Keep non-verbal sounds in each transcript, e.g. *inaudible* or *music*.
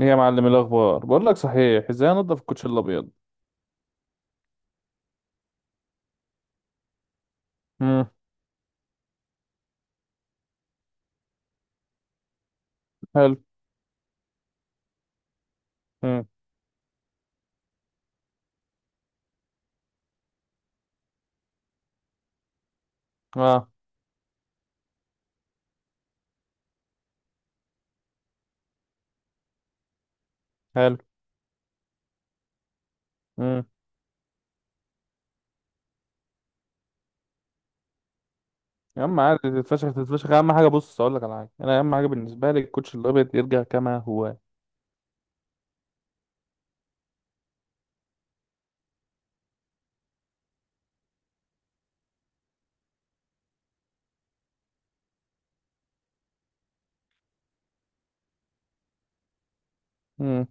ايه يا معلم، الاخبار؟ بقول لك صحيح، ازاي انضف الكوتش الابيض؟ امم حلو. امم اه حلو. امم يا عم عادي، تتفشخ تتفشخ، اهم حاجه، بص اقول لك على حاجه، انا اهم حاجه بالنسبه لي الكوتش الابيض يرجع كما هو. امم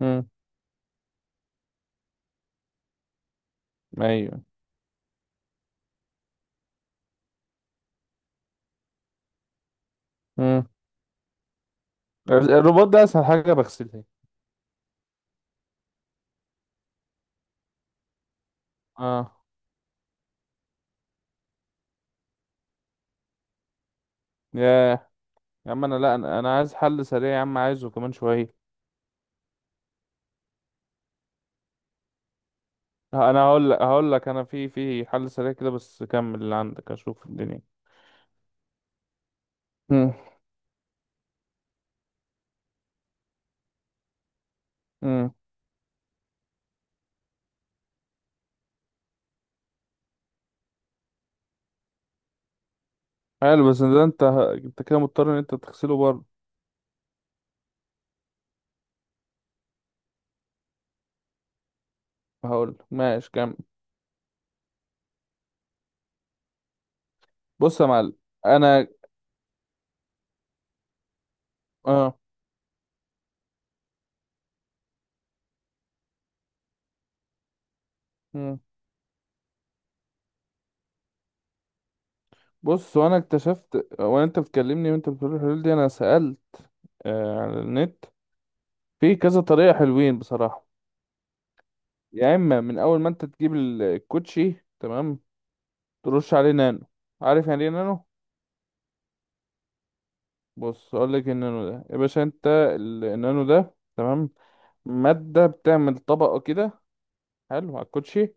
امم ايوه. امم الرباط ده اسهل حاجه بغسلها. اه. ياه. يا عم انا، لا انا أنا عايز حل سريع يا عم، عايزه كمان شويه. انا هقول لك، انا في حل سريع كده، بس كمل اللي عندك اشوف الدنيا. امم امم حلو، بس ده انت، انت كده مضطر ان انت تغسله بره. هقول ماشي كمل. بص يا معلم، انا، اه. مم. بص وانا اكتشفت، وانت بتكلمني وانت بتقول الحلول دي، انا سألت على النت، في كذا طريقة حلوين بصراحة. يا اما من اول ما انت تجيب الكوتشي تمام، ترش عليه نانو. عارف يعني ايه نانو؟ بص اقول لك، النانو ده يا باشا، انت النانو ده تمام، مادة بتعمل طبقة كده، حلو، على الكوتشي.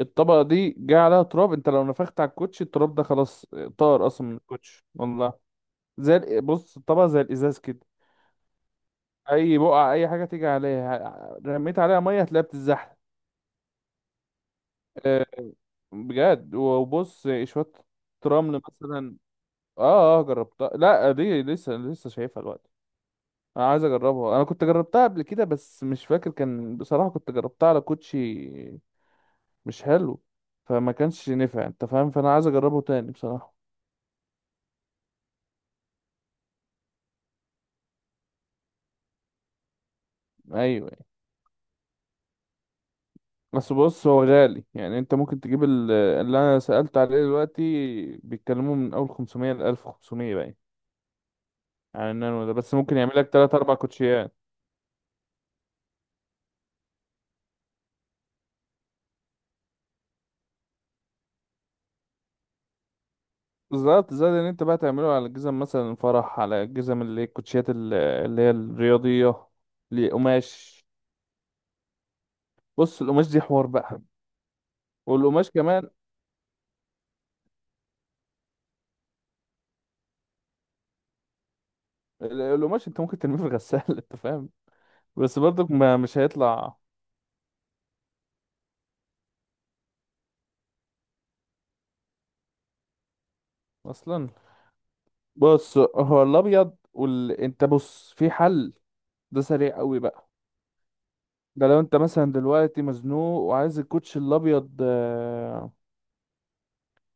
الطبقة دي جاي عليها تراب، انت لو نفخت على الكوتشي التراب ده خلاص، طار اصلا من الكوتشي والله. بص، الطبق زي الازاز كده. اي بقعه، اي حاجه تيجي عليها، رميت عليها ميه هتلاقيها بتتزحلق. آه، بجد، وبص، شويه رمل مثلا، اه اه، جربتها. لا دي لسه لسه شايفها دلوقتي، انا عايز اجربها، انا كنت جربتها قبل كده بس مش فاكر، كان بصراحه كنت جربتها على كوتشي مش حلو، فما كانش نفع، انت فاهم، فانا عايز اجربه تاني بصراحه. ايوه يعني. بس بص هو غالي، يعني انت ممكن تجيب اللي انا سألت عليه دلوقتي، بيتكلموا من اول 500 ل 1500 باين، على النانو ده، بس ممكن يعمل لك 3 4 كوتشيات. بالظبط، زائد ان انت بقى تعمله على الجزم مثلا، فرح، على الجزم اللي هي الكوتشيات اللي هي الرياضية. لقماش، بص القماش دي حوار بقى. والقماش كمان، القماش انت ممكن ترميه في الغسالة *laughs* انت فاهم، بس برضك ما مش هيطلع اصلا. بص هو الابيض انت بص، في حل ده سريع قوي بقى. ده لو انت مثلا دلوقتي مزنوق وعايز الكوتش الابيض آه،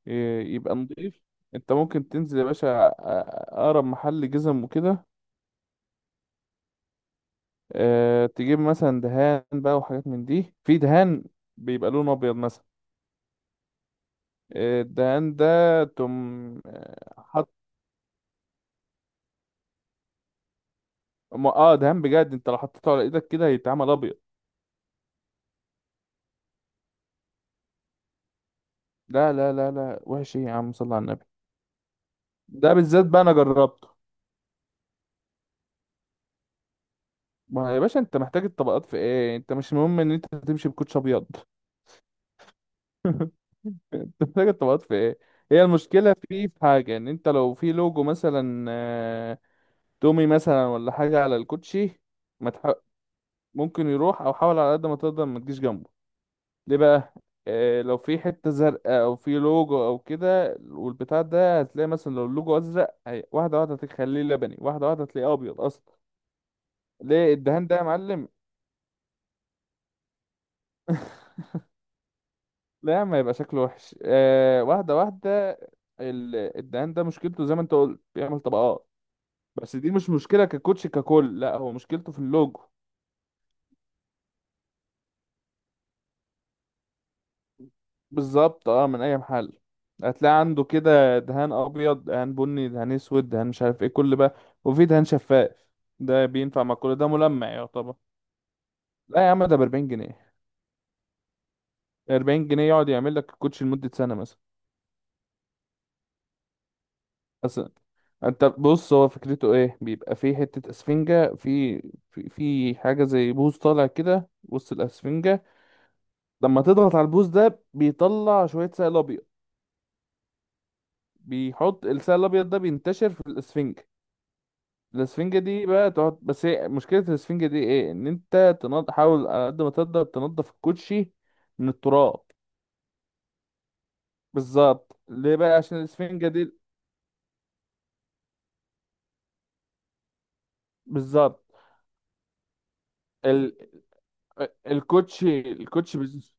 يبقى نضيف. انت ممكن تنزل يا باشا آه، اقرب محل جزم وكده. آه، تجيب مثلا دهان بقى، وحاجات من دي، في دهان بيبقى لونه ابيض مثلا. آه، الدهان ده تم، آه، حط. دهان بجد، انت لو حطيته على ايدك كده هيتعمل ابيض. لا لا لا لا، وحش ايه يا عم؟ صل على النبي، ده بالذات بقى انا جربته. ما يا باشا انت محتاج الطبقات في ايه؟ انت مش مهم ان انت تمشي بكوتش ابيض؟ تفتكر تبقى في ايه؟ هي المشكله فيه في حاجه، ان انت لو في لوجو مثلا آه، تومي مثلا ولا حاجه على الكوتشي. ما تح... ممكن يروح، او حاول على قد ما تقدر ما تجيش جنبه. ليه بقى؟ آه، لو في حته زرقاء او في لوجو او كده والبتاع ده، هتلاقي مثلا لو اللوجو ازرق، واحده واحده هتخليه لبني، واحده واحده هتلاقيه ابيض اصلا. ليه الدهان ده يا معلم؟ لا ما يبقى شكله وحش آه، واحده واحده. الدهان ده مشكلته زي ما انت قلت، بيعمل طبقات، بس دي مش مشكلة ككوتش ككل، لا هو مشكلته في اللوجو. بالظبط، اه، من اي محل. هتلاقي عنده كده دهان ابيض، دهان بني، دهان اسود، دهان مش عارف ايه، كل بقى، وفي دهان شفاف، ده بينفع مع كل ده، ملمع يعتبر. لا يا عم ده ب 40 جنيه، 40 جنيه يقعد يعمل لك الكوتش لمدة سنة مثلا، اصلا. انت بص، هو فكرته ايه؟ بيبقى في حتة اسفنجة، في حاجة زي بوز طالع كده وسط الاسفنجة. لما تضغط على البوز ده، بيطلع شوية سائل ابيض. بيحط السائل الابيض ده بينتشر في الاسفنجة. الاسفنجة دي بقى تقعد، بس هي مشكلة الاسفنجة دي ايه؟ ان انت حاول على قد ما تقدر تنضف الكوتشي من التراب. بالظبط، ليه بقى؟ عشان الاسفنجة دي، بالظبط. ال... الكوتشي،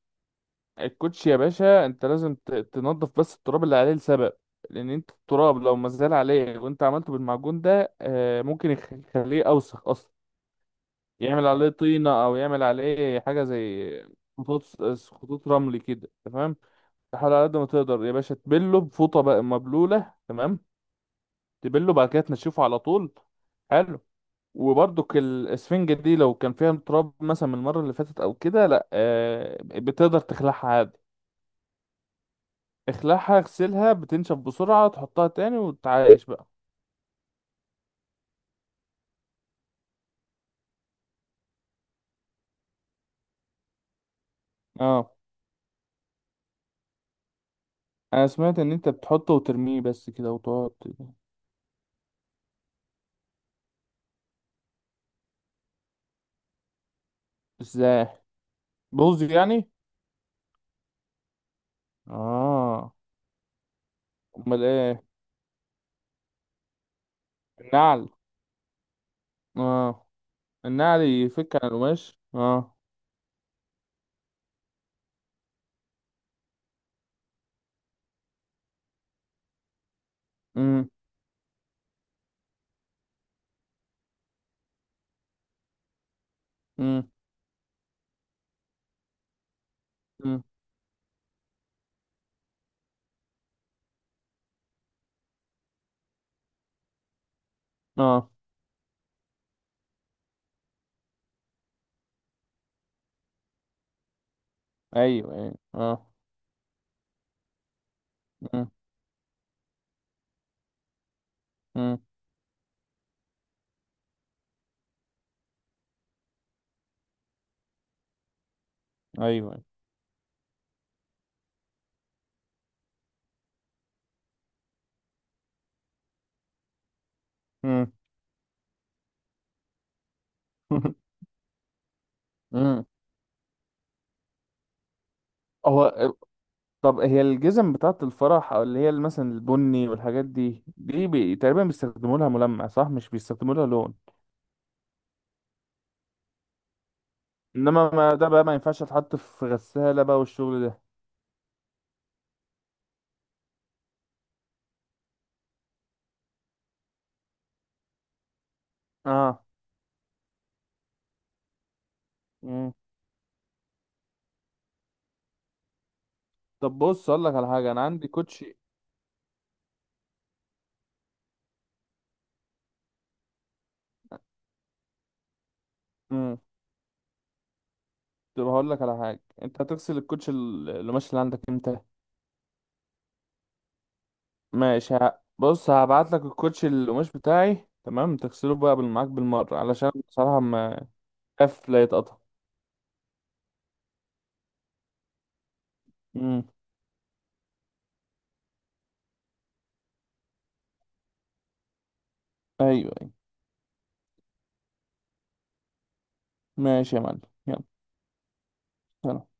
الكوتشي يا باشا انت لازم تنضف بس التراب اللي عليه لسبب. لان انت التراب لو مازال عليه وانت عملته بالمعجون ده آه، ممكن يخليه اوسخ اصلا. يعمل عليه طينة أو يعمل عليه حاجة زي خطوط، خطوط رمل كده، تمام. تحاول على قد ما تقدر يا باشا تبله بفوطة بقى مبلولة، تمام، تبله بعد كده تنشفه على طول. حلو. وبرضك الاسفنجة دي لو كان فيها تراب مثلا من المرة اللي فاتت أو كده، لأ آه، بتقدر تخلعها عادي، اخلعها اغسلها، بتنشف بسرعة، تحطها تاني وتعايش بقى. اه، انا سمعت ان انت بتحطه وترميه بس كده وتقعد. ازاي؟ بوظ يعني؟ اه. امال ايه؟ النعل. اه، النعل يفك عن القماش، اه. امم. امم. امم. اه. ايوه ايوه. اه. امم. امم. ايوه. امم. *laughs* امم. هو، طب هي الجزم بتاعة الفرح او اللي هي مثلا البني والحاجات دي، تقريبا بيستخدموا لها ملمع صح، مش بيستخدموا لها لون. انما ما ده بقى ما ينفعش تحط في غسالة بقى والشغل ده. اه. امم طب بص اقول لك على حاجة، انا عندي كوتشي. طب هقول لك على حاجه، انت هتغسل الكوتش القماش اللي عندك امتى؟ ماشي، بص هبعت لك الكوتش القماش بتاعي، تمام، تغسله بقى معاك بالمره، علشان بصراحه ما... خاف لا يتقطع. امم. ايوه ايوه. ماشي يا معلم، يلا، سلام.